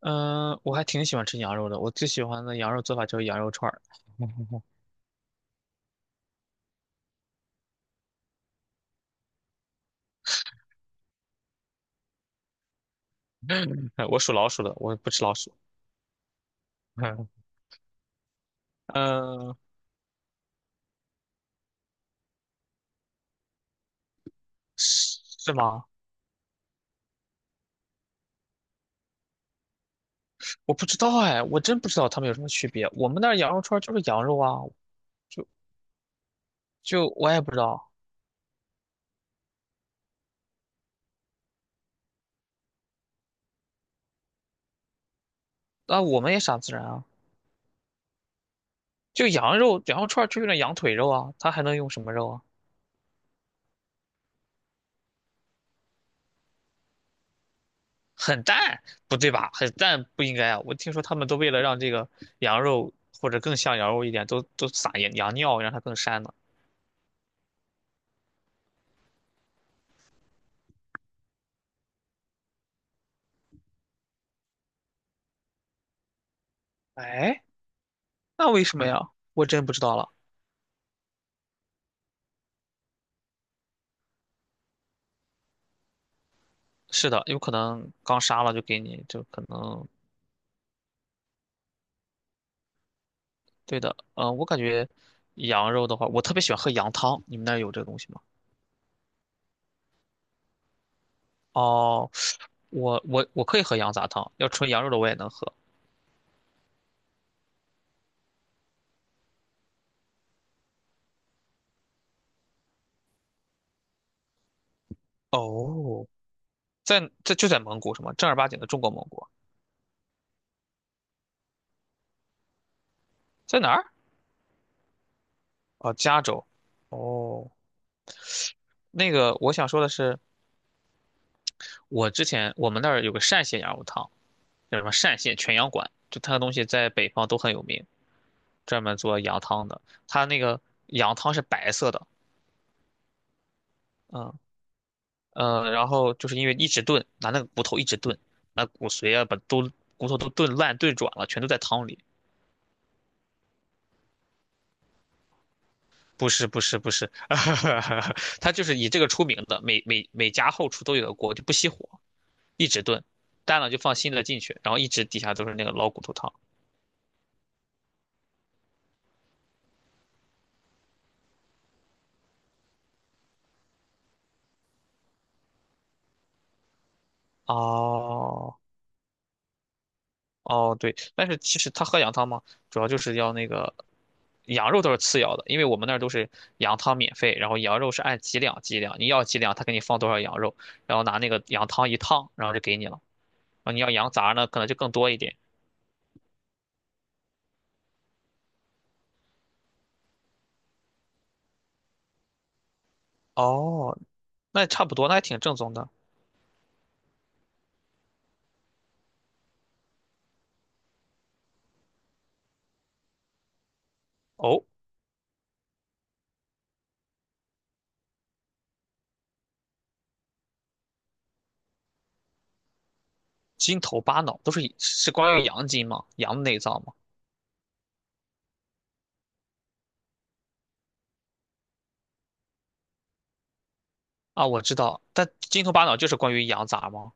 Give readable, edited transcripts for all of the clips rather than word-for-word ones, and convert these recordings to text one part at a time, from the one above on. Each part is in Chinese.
嗯，我还挺喜欢吃羊肉的。我最喜欢的羊肉做法就是羊肉串儿。我属老鼠的，我不吃老鼠。嗯，是是吗?我不知道哎，我真不知道它们有什么区别。我们那儿羊肉串儿就是羊肉啊，就就我也不知道。那我们也傻自然啊，就羊肉，羊肉串儿就用点羊腿肉啊，它还能用什么肉啊？很淡，不对吧？很淡不应该啊。我听说他们都为了让这个羊肉或者更像羊肉一点，都撒羊尿，让它更膻呢。那为什么呀？我真不知道了。是的，有可能刚杀了就给你，就可能对的。嗯，我感觉羊肉的话，我特别喜欢喝羊汤。你们那儿有这个东西吗？哦，我可以喝羊杂汤，要纯羊肉的我也能喝。哦，就在蒙古什么正儿八经的中国蒙古，在哪儿？哦，加州。哦，那个我想说的是，我之前我们那儿有个单县羊肉汤，叫什么单县全羊馆，就它的东西在北方都很有名。专门做羊汤的，它那个羊汤是白色的，嗯然后就是因为一直炖，拿那个骨头一直炖，把骨髓啊，把骨头都炖烂炖软了，全都在汤里。不是，它就是以这个出名的，每家后厨都有个锅，就不熄火，一直炖，淡了就放新的进去，然后一直底下都是那个老骨头汤。哦，哦，对，但是其实他喝羊汤吗？主要就是要那个羊肉都是次要的，因为我们那儿都是羊汤免费，然后羊肉是按几两几两，你要几两，他给你放多少羊肉，然后拿那个羊汤一烫，然后就给你了。然后你要羊杂呢，可能就更多一点。哦，那也差不多，那还挺正宗的。哦，筋头巴脑都是以是关于羊筋吗？羊内脏吗？啊，我知道，但筋头巴脑就是关于羊杂吗？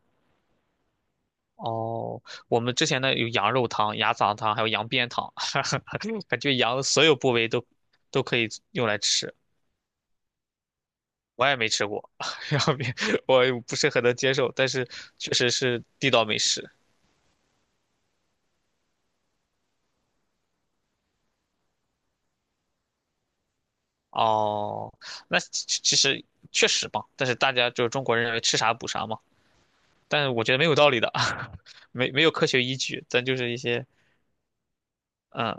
哦，我们之前呢有羊肉汤、羊杂汤，还有羊鞭汤，感觉羊的所有部位都可以用来吃。我也没吃过 羊鞭，我也不是很能接受，但是确实是地道美食。哦，那其实确实吧，但是大家就是中国人认为吃啥补啥嘛，但是我觉得没有道理的，没有科学依据，咱就是一些嗯，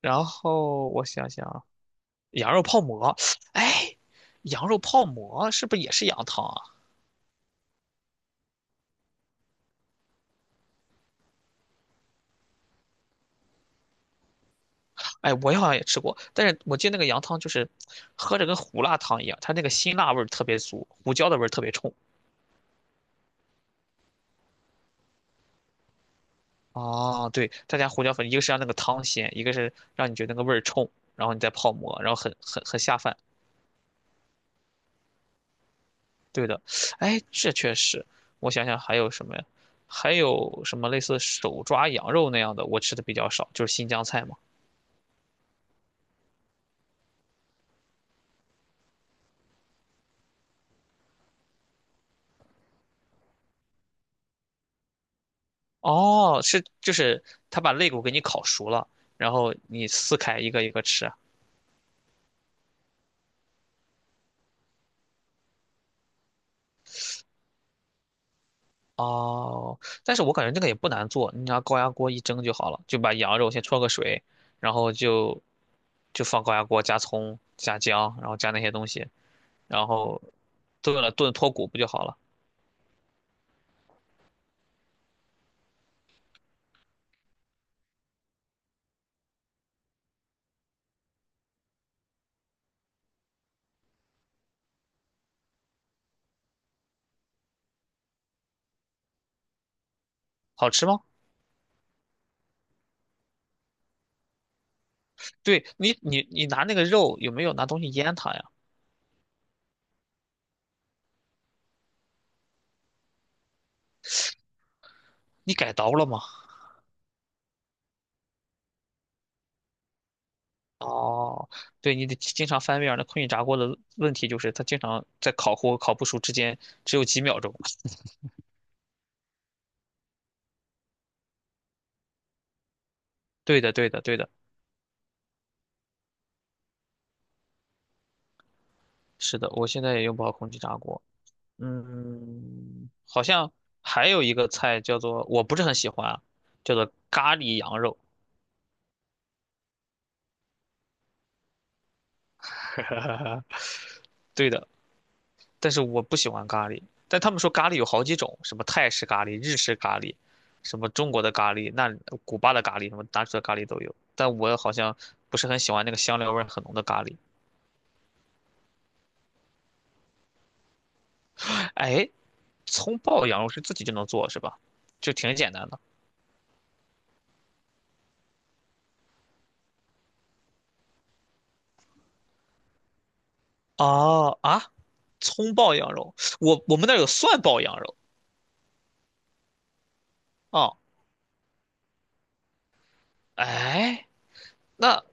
然后我想想啊，羊肉泡馍，哎，羊肉泡馍是不是也是羊汤啊？哎，我好像也吃过，但是我记得那个羊汤就是喝着跟胡辣汤一样，它那个辛辣味儿特别足，胡椒的味儿特别冲。哦，对，他家胡椒粉，一个是让那个汤鲜，一个是让你觉得那个味儿冲，然后你再泡馍，然后很下饭。对的，哎，这确实，我想想还有什么呀？还有什么类似手抓羊肉那样的，我吃的比较少，就是新疆菜嘛。哦，是就是他把肋骨给你烤熟了，然后你撕开一个一个吃。哦，但是我感觉这个也不难做，你拿高压锅一蒸就好了，就把羊肉先焯个水，然后就放高压锅加葱加姜，然后加那些东西，然后炖了炖脱骨不就好了？好吃吗？对你拿那个肉有没有拿东西腌它呀？你改刀了吗？哦，对，你得经常翻面儿那空气炸锅的问题就是它经常在烤糊和烤不熟之间只有几秒钟。对的，对的，对的，是的，我现在也用不好空气炸锅。嗯，好像还有一个菜叫做，我不是很喜欢，啊，叫做咖喱羊肉。对的，但是我不喜欢咖喱。但他们说咖喱有好几种，什么泰式咖喱、日式咖喱，什么中国的咖喱，那古巴的咖喱，什么哪种的咖喱都有。但我好像不是很喜欢那个香料味儿很浓的咖喱。哎，葱爆羊肉是自己就能做是吧？就挺简单的。哦啊，葱爆羊肉，我们那儿有蒜爆羊肉。哦，哎。那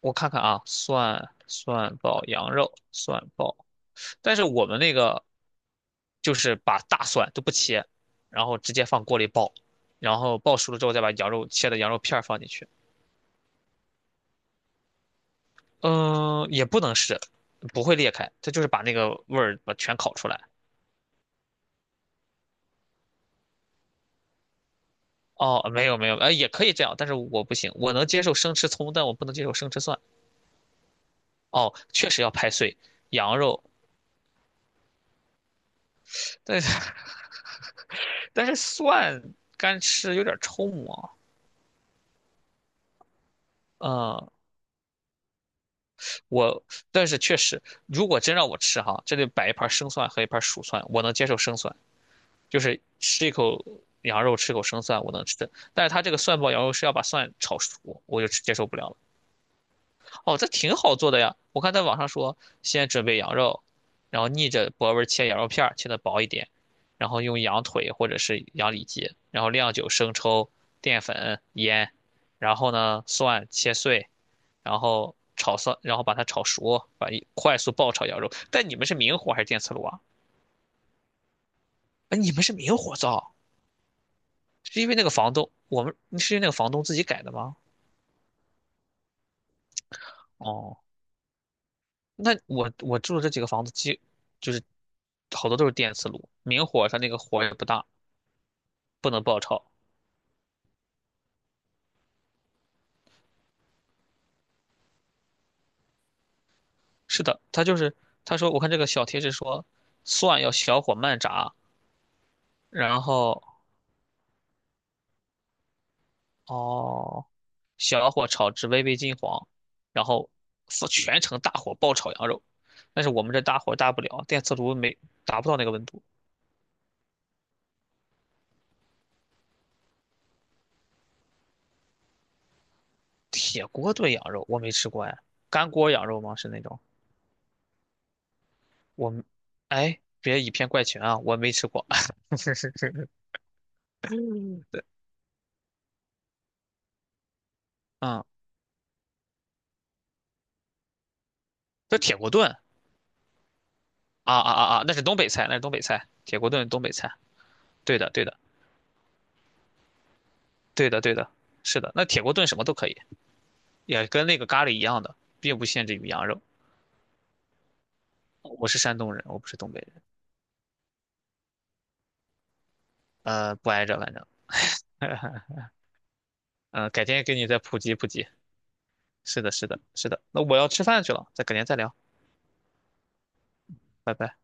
我看看啊，蒜爆羊肉，蒜爆，但是我们那个就是把大蒜都不切，然后直接放锅里爆，然后爆熟了之后再把羊肉切的羊肉片儿放进去。嗯，也不能是，不会裂开，它就是把那个味儿把全烤出来。哦，没有没有，也可以这样，但是我不行，我能接受生吃葱，但我不能接受生吃蒜。哦，确实要拍碎羊肉，但是 但是蒜干吃有点冲啊。嗯，我，但是确实，如果真让我吃哈，这里摆一盘生蒜和一盘熟蒜，我能接受生蒜，就是吃一口羊肉，吃口生蒜，我能吃的但是它这个蒜爆羊肉是要把蒜炒熟，我就接受不了了。哦，这挺好做的呀，我看在网上说，先准备羊肉，然后逆着薄纹切羊肉片儿，切的薄一点，然后用羊腿或者是羊里脊，然后料酒、生抽、淀粉、盐，然后呢，蒜切碎，然后炒蒜，然后把它炒熟，把一快速爆炒羊肉。但你们是明火还是电磁炉啊？哎，你们是明火灶，是因为那个房东，我们是因为那个房东自己改的吗？哦，那我住的这几个房子基，就是好多都是电磁炉，明火它那个火也不大，不能爆炒。是的，他就是他说，我看这个小贴士说，蒜要小火慢炸，然后哦，小火炒至微微金黄，然后是全程大火爆炒羊肉。但是我们这大火大不了，电磁炉没达不到那个温度。铁锅炖羊肉我没吃过哎，干锅羊肉吗？是那种我们，哎，别以偏概全啊，我没吃过。对，嗯，这铁锅炖啊啊啊啊，那是东北菜，铁锅炖东北菜。对的，对的，对的，对的，是的。那铁锅炖什么都可以，也跟那个咖喱一样的，并不限制于羊肉。我是山东人，我不是东北人。呃，不挨着，反正，嗯、改天给你再普及普及。是的。那我要吃饭去了，再改天再聊，拜拜。